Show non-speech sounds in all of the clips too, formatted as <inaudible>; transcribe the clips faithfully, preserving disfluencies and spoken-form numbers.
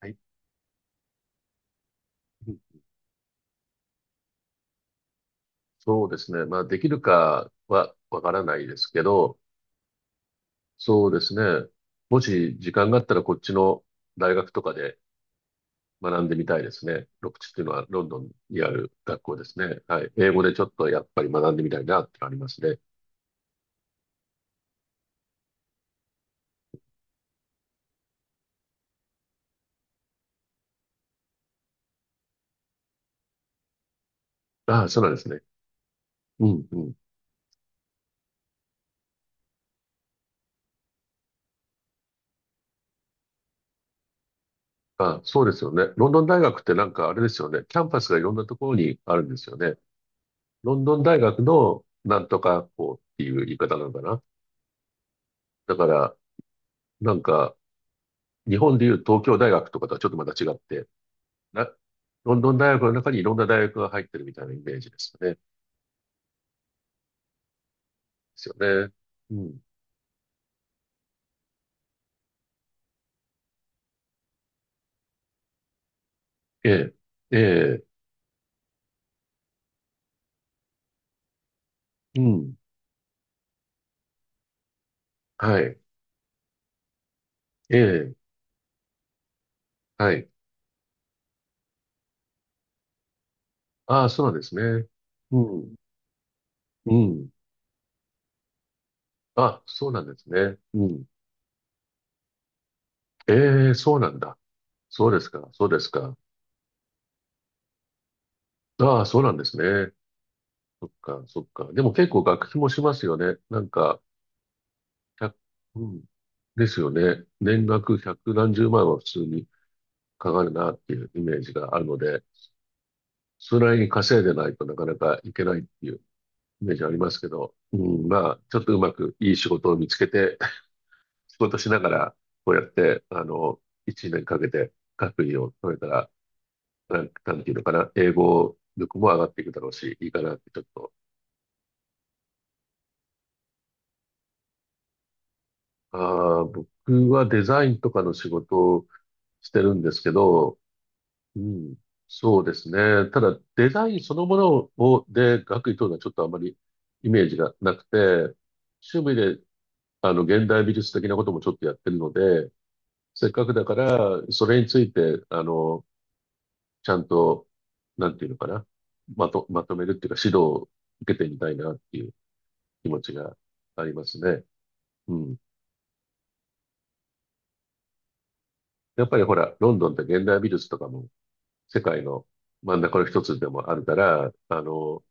はい。うん、そうですね。まあ、できるかはわからないですけど、そうですね。もし時間があったらこっちの大学とかで学んでみたいですね。ロクチっていうのはロンドンにある学校ですね。はい。英語でちょっとやっぱり学んでみたいなってのありますね。ああ、そうなんですね。うん、うん。ああ、そうですよね。ロンドン大学ってなんかあれですよね。キャンパスがいろんなところにあるんですよね。ロンドン大学のなんとか校っていう言い方なのかな。だから、なんか、日本でいう東京大学とかとはちょっとまた違って、な、ロンドン大学の中にいろんな大学が入ってるみたいなイメージですよね。ですよね。うん。ええ。ええ。うん。はい。ええ。はい。ああ、そうなんですね。うん。うん。あ、そうなんですね。うん。ええ、そうなんだ。そうですか。そうですか。ああ、そうなんですね。そっか、そっか。でも結構学費もしますよね。なんか、いち、うん。ですよね。年額百何十万は普通にかかるなっていうイメージがあるので、それなりに稼いでないとなかなかいけないっていうイメージありますけど、うん、まあ、ちょっとうまくいい仕事を見つけて、<laughs> 仕事しながら、こうやって、あの、いちねんかけて学位を取れたら、なん、なんていうのかな、英語力も上がっていくだろうし、いいかなってちょっと。ああ、僕はデザインとかの仕事をしてるんですけど、うん。そうですね。ただ、デザインそのものを、で、学位取るのはちょっとあまりイメージがなくて、趣味で、あの、現代美術的なこともちょっとやってるので、せっかくだから、それについて、あの、ちゃんと、なんていうのかな。まと、まとめるっていうか、指導を受けてみたいなっていう気持ちがありますね。うん。やっぱりほら、ロンドンって現代美術とかも世界の真ん中の一つでもあるから、あの、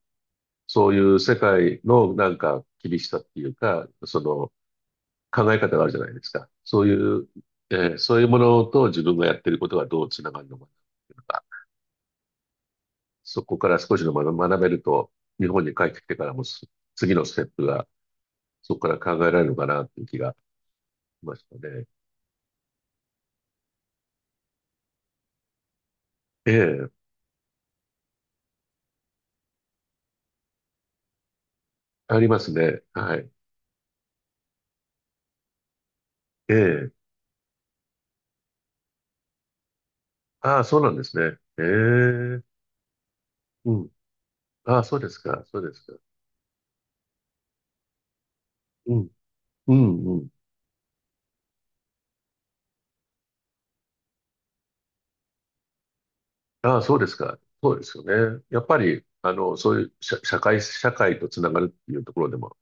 そういう世界のなんか厳しさっていうか、その考え方があるじゃないですか。そういう、えーそういうものと自分がやってることがどうつながるのかなのか、そこから少しの学学べると、日本に帰ってきてからもす次のステップがそこから考えられるのかなっていう気がしましたね。ええ、ありますね。はい。ええ、ああ、そうなんですね。ええ、うん。ああ、そうですか、そうですか。うん、うん、うん。ああ、そうですか。そうですよね。やっぱり、あの、そういう社、社会、社会とつながるっていうところでも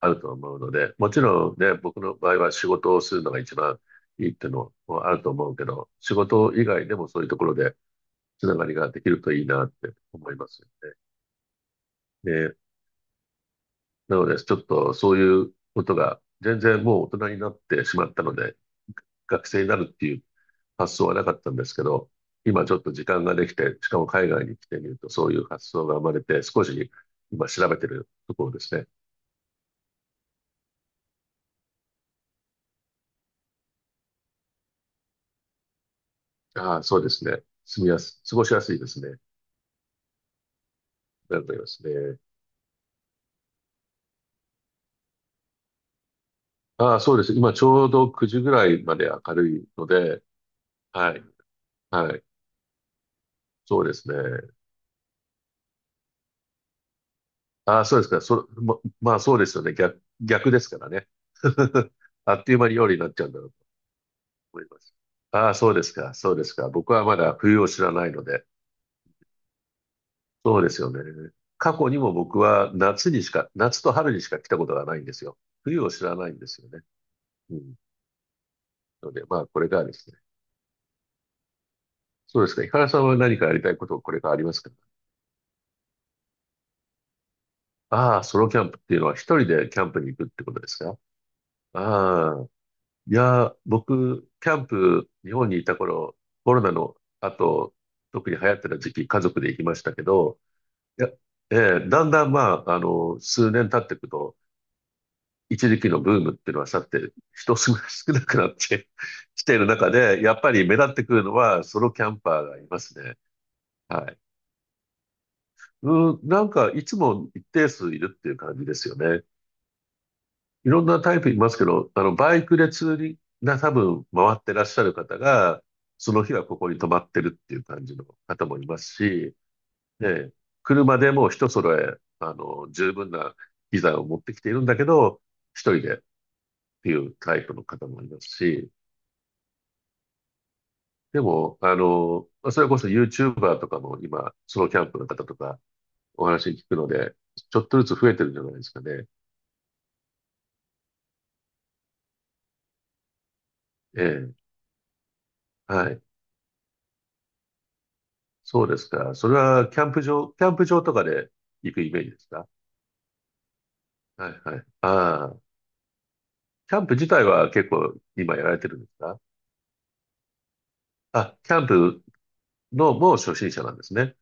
あると思うので、もちろんね、僕の場合は仕事をするのが一番いいっていうのもあると思うけど、仕事以外でもそういうところでつながりができるといいなって思いますよね。で、なので、ちょっとそういうことが全然もう大人になってしまったので、学生になるっていう発想はなかったんですけど、今ちょっと時間ができて、しかも海外に来てみると、そういう発想が生まれて、少し今調べてるところですね。ああ、そうですね。住みやす、過ごしやすいですね。なると思いますね。ああ、そうです。今ちょうどくじぐらいまで明るいので、はい、はい。そうですね。ああ、そうですか。そ、ま、まあそうですよね。逆、逆ですからね。<laughs> あっという間に夜になっちゃうんだろうと思います。ああ、そうですか。そうですか。僕はまだ冬を知らないので、そうですよね。過去にも僕は夏にしか、夏と春にしか来たことがないんですよ。冬を知らないんですよね。うん。ので、まあ、これからですね。そうですか。井原さんは何かやりたいことこれからありますか？ああ、ソロキャンプっていうのは一人でキャンプに行くってことですか？ああ、いや、僕、キャンプ、日本にいた頃、コロナの後、特に流行ってた時期、家族で行きましたけど、いや、ええだんだんまあ、あの、数年経っていくと、一時期のブームっていうのは去って、人少なくなってき <laughs> ている中で、やっぱり目立ってくるのはソロキャンパーがいますね。はい。うん、なんかいつも一定数いるっていう感じですよね。いろんなタイプいますけど、あの、バイクでツーリングな多分回ってらっしゃる方が、その日はここに泊まってるっていう感じの方もいますし、ね、車でもう一揃え、あの、十分な機材を持ってきているんだけど、一人でっていうタイプの方もいますし、でも、あの、まあそれこそ YouTuber とかも今、ソロキャンプの方とかお話聞くので、ちょっとずつ増えてるんじゃないですかね。ええ、はい。そうですか。それはキャンプ場、キャンプ場とかで行くイメージですか？はいはい。ああ、キャンプ自体は結構今やられてるんですか？あ、キャンプのもう初心者なんですね。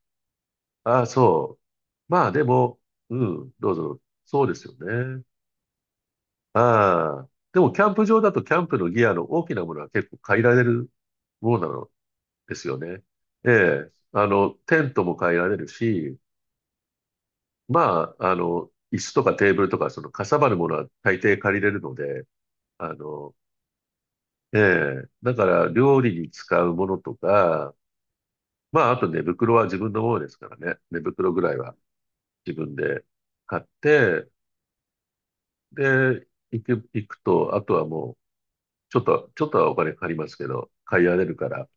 ああ、そう。まあでも、うん、どうぞ。そうですよね。ああ。でも、キャンプ場だと、キャンプのギアの大きなものは結構変えられるそうなのですよね。ええ。あの、テントも変えられるし、まあ、あの、椅子とかテーブルとか、その、かさばるものは大抵借りれるので、あの、ええ。だから、料理に使うものとか、まあ、あと寝袋は自分のものですからね。寝袋ぐらいは自分で買って、で、行く、行くと、あとはもう、ちょっと、ちょっとはお金かかりますけど、買いられるから、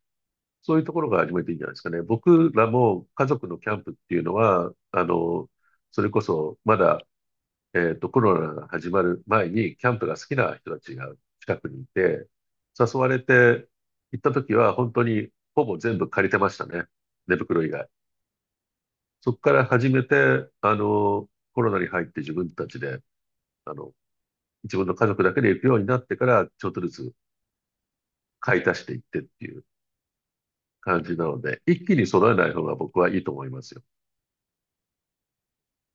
そういうところが始めていいんじゃないですかね。僕らも家族のキャンプっていうのは、あの、それこそまだ、えっと、コロナが始まる前にキャンプが好きな人たちが近くにいて、誘われて行った時は本当にほぼ全部借りてましたね。寝袋以外。そこから始めて、あの、コロナに入って自分たちで、あの、自分の家族だけで行くようになってから、ちょっとずつ買い足していってっていう感じなので、一気に揃えない方が僕はいいと思いますよ。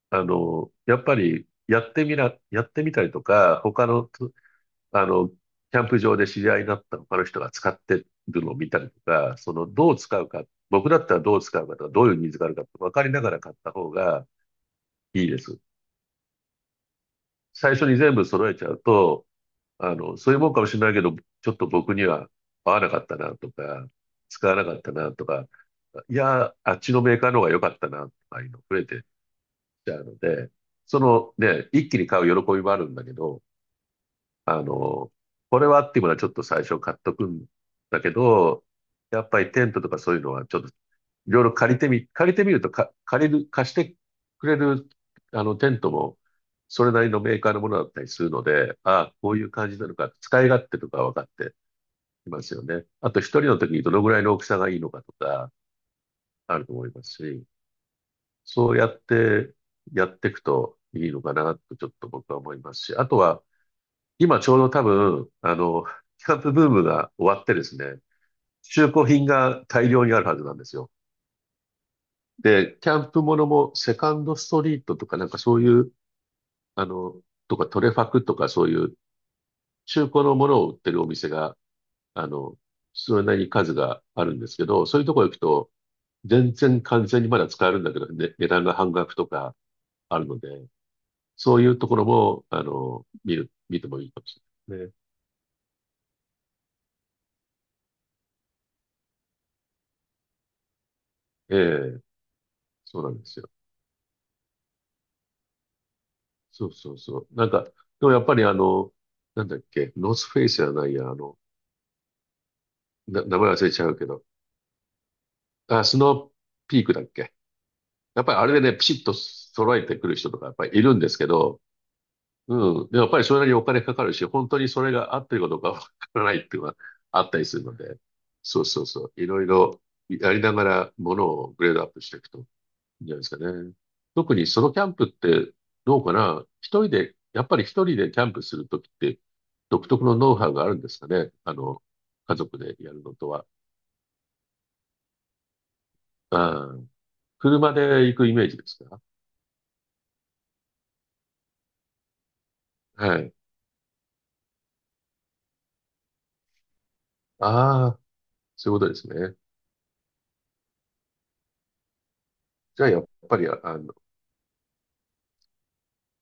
あの、やっぱりやってみな、やってみたりとか、他のつ、あの、キ、ャンプ場で知り合いになった他の人が使ってるのを見たりとか、その、どう使うか、僕だったらどう使うかとか、どういうニーズがあるかって分かりながら買った方がいいです。最初に全部揃えちゃうと、あの、そういうもんかもしれないけど、ちょっと僕には合わなかったなとか、使わなかったなとか、いや、あっちのメーカーの方が良かったなとかいうの増えてっちゃうので、そのね、一気に買う喜びもあるんだけど、あの、これはっていうものはちょっと最初買っとくんだけど、やっぱりテントとかそういうのはちょっといろいろ借りてみ、借りてみるとか、借りる、貸してくれるあのテントもそれなりのメーカーのものだったりするので、ああ、こういう感じなのか、使い勝手とか分かってきますよね。あと一人の時にどのぐらいの大きさがいいのかとかあると思いますし、そうやってやっていくといいのかなとちょっと僕は思いますし、あとは今ちょうど多分、あの、キャンプブームが終わってですね、中古品が大量にあるはずなんですよ。で、キャンプものもセカンドストリートとかなんかそういう、あの、とかトレファクとかそういう中古のものを売ってるお店が、あの、それなりに数があるんですけど、そういうとこ行くと、全然完全にまだ使えるんだけど、ね、値段が半額とかあるので、そういうところも、あの、見る、見てもいいかもしれないですね。ええ、そうなんですよ。そうそうそう。なんか、でもやっぱりあの、なんだっけ、ノースフェイスじゃないや、あの、な、名前忘れちゃうけど、あ、スノーピークだっけ。やっぱりあれでね、ピシッと揃えてくる人とかやっぱりいるんですけど、うん。でもやっぱりそれなりにお金かかるし、本当にそれが合ってるかどうかわからないっていうのがあったりするので、そうそうそう。いろいろやりながらものをグレードアップしていくといいんじゃないですかね。特にソロキャンプってどうかな一人で、やっぱり一人でキャンプするときって独特のノウハウがあるんですかねあの、家族でやるのとは。ああ、車で行くイメージですか？はい。ああ、そういうことですね。じゃあやっぱり、ああの、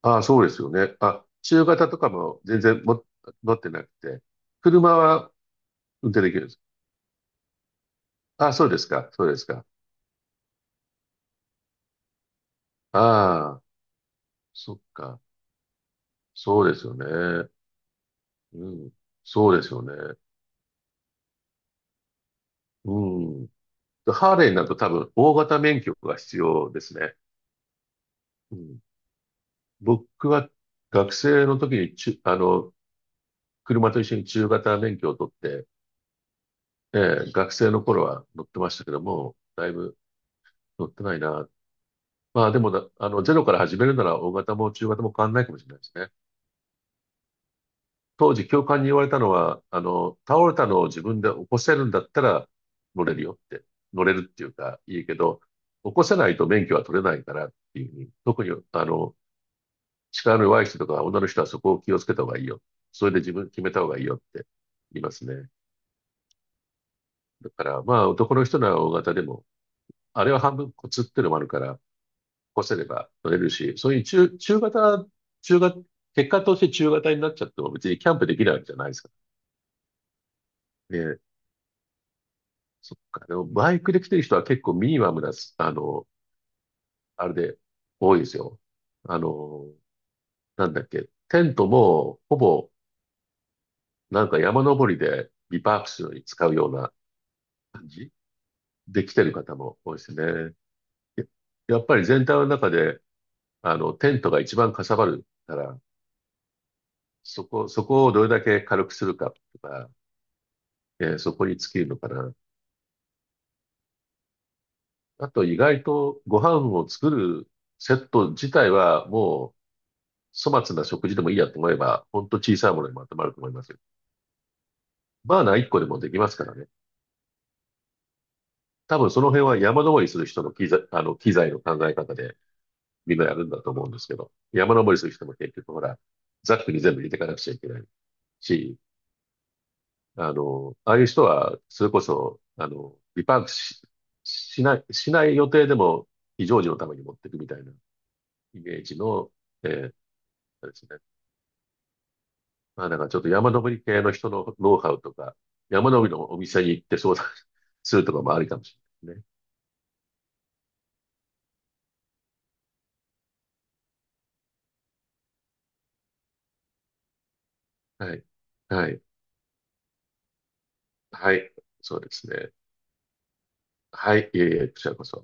ああ、そうですよね。あ、中型とかも全然も持ってなくて、車は運転できるんです。ああ、そうですか。そうですか。ああ、そっか。そうですよね。うん。そうですよね。うん。ハーレーになると多分大型免許が必要ですね。うん。僕は学生の時に中、あの、車と一緒に中型免許を取って、ええ学生の頃は乗ってましたけども、だいぶ乗ってないな。まあでもだ、あの、ゼロから始めるなら大型も中型も変わんないかもしれないですね。当時教官に言われたのは、あの、倒れたのを自分で起こせるんだったら乗れるよって、乗れるっていうかいいけど、起こせないと免許は取れないからっていうふうに、特にあの、力の弱い人とか女の人はそこを気をつけた方がいいよ。それで自分決めた方がいいよって言いますね。だからまあ男の人なら大型でも、あれは半分コツっていうのもあるから、起こせれば乗れるし、そういう中、中型、中型、結果として中型になっちゃっても別にキャンプできないわけじゃないですからね。そっか。でも、バイクで来てる人は結構ミニマムなす、あの、あれで多いですよ。あの、なんだっけ。テントも、ほぼ、なんか山登りでビパークするのに使うような感じで来てる方も多いですね。ややっぱり全体の中で、あの、テントが一番かさばるから、そこ、そこをどれだけ軽くするかとか、えーそこに尽きるのかな。あと、意外とご飯を作るセット自体はも粗末な食事でもいいやと思えば、ほんと小さいものにまとまると思いますよ。バーナーいっこでもできますからね。多分その辺は山登りする人の機材、あの、機材の考え方でみんなやるんだと思うんですけど、山登りする人も結局ほら、ザックに全部入れていかなくちゃいけないし、あの、ああいう人は、それこそ、あの、リパークし、しない、しない予定でも非常時のために持っていくみたいなイメージの、えーですねまあなんかちょっと山登り系の人のノウハウとか、山登りのお店に行って相談 <laughs> するとかもありかもしれないですね。はい。はい。はい。そうですね。はい。いえいえ、こちらこそ。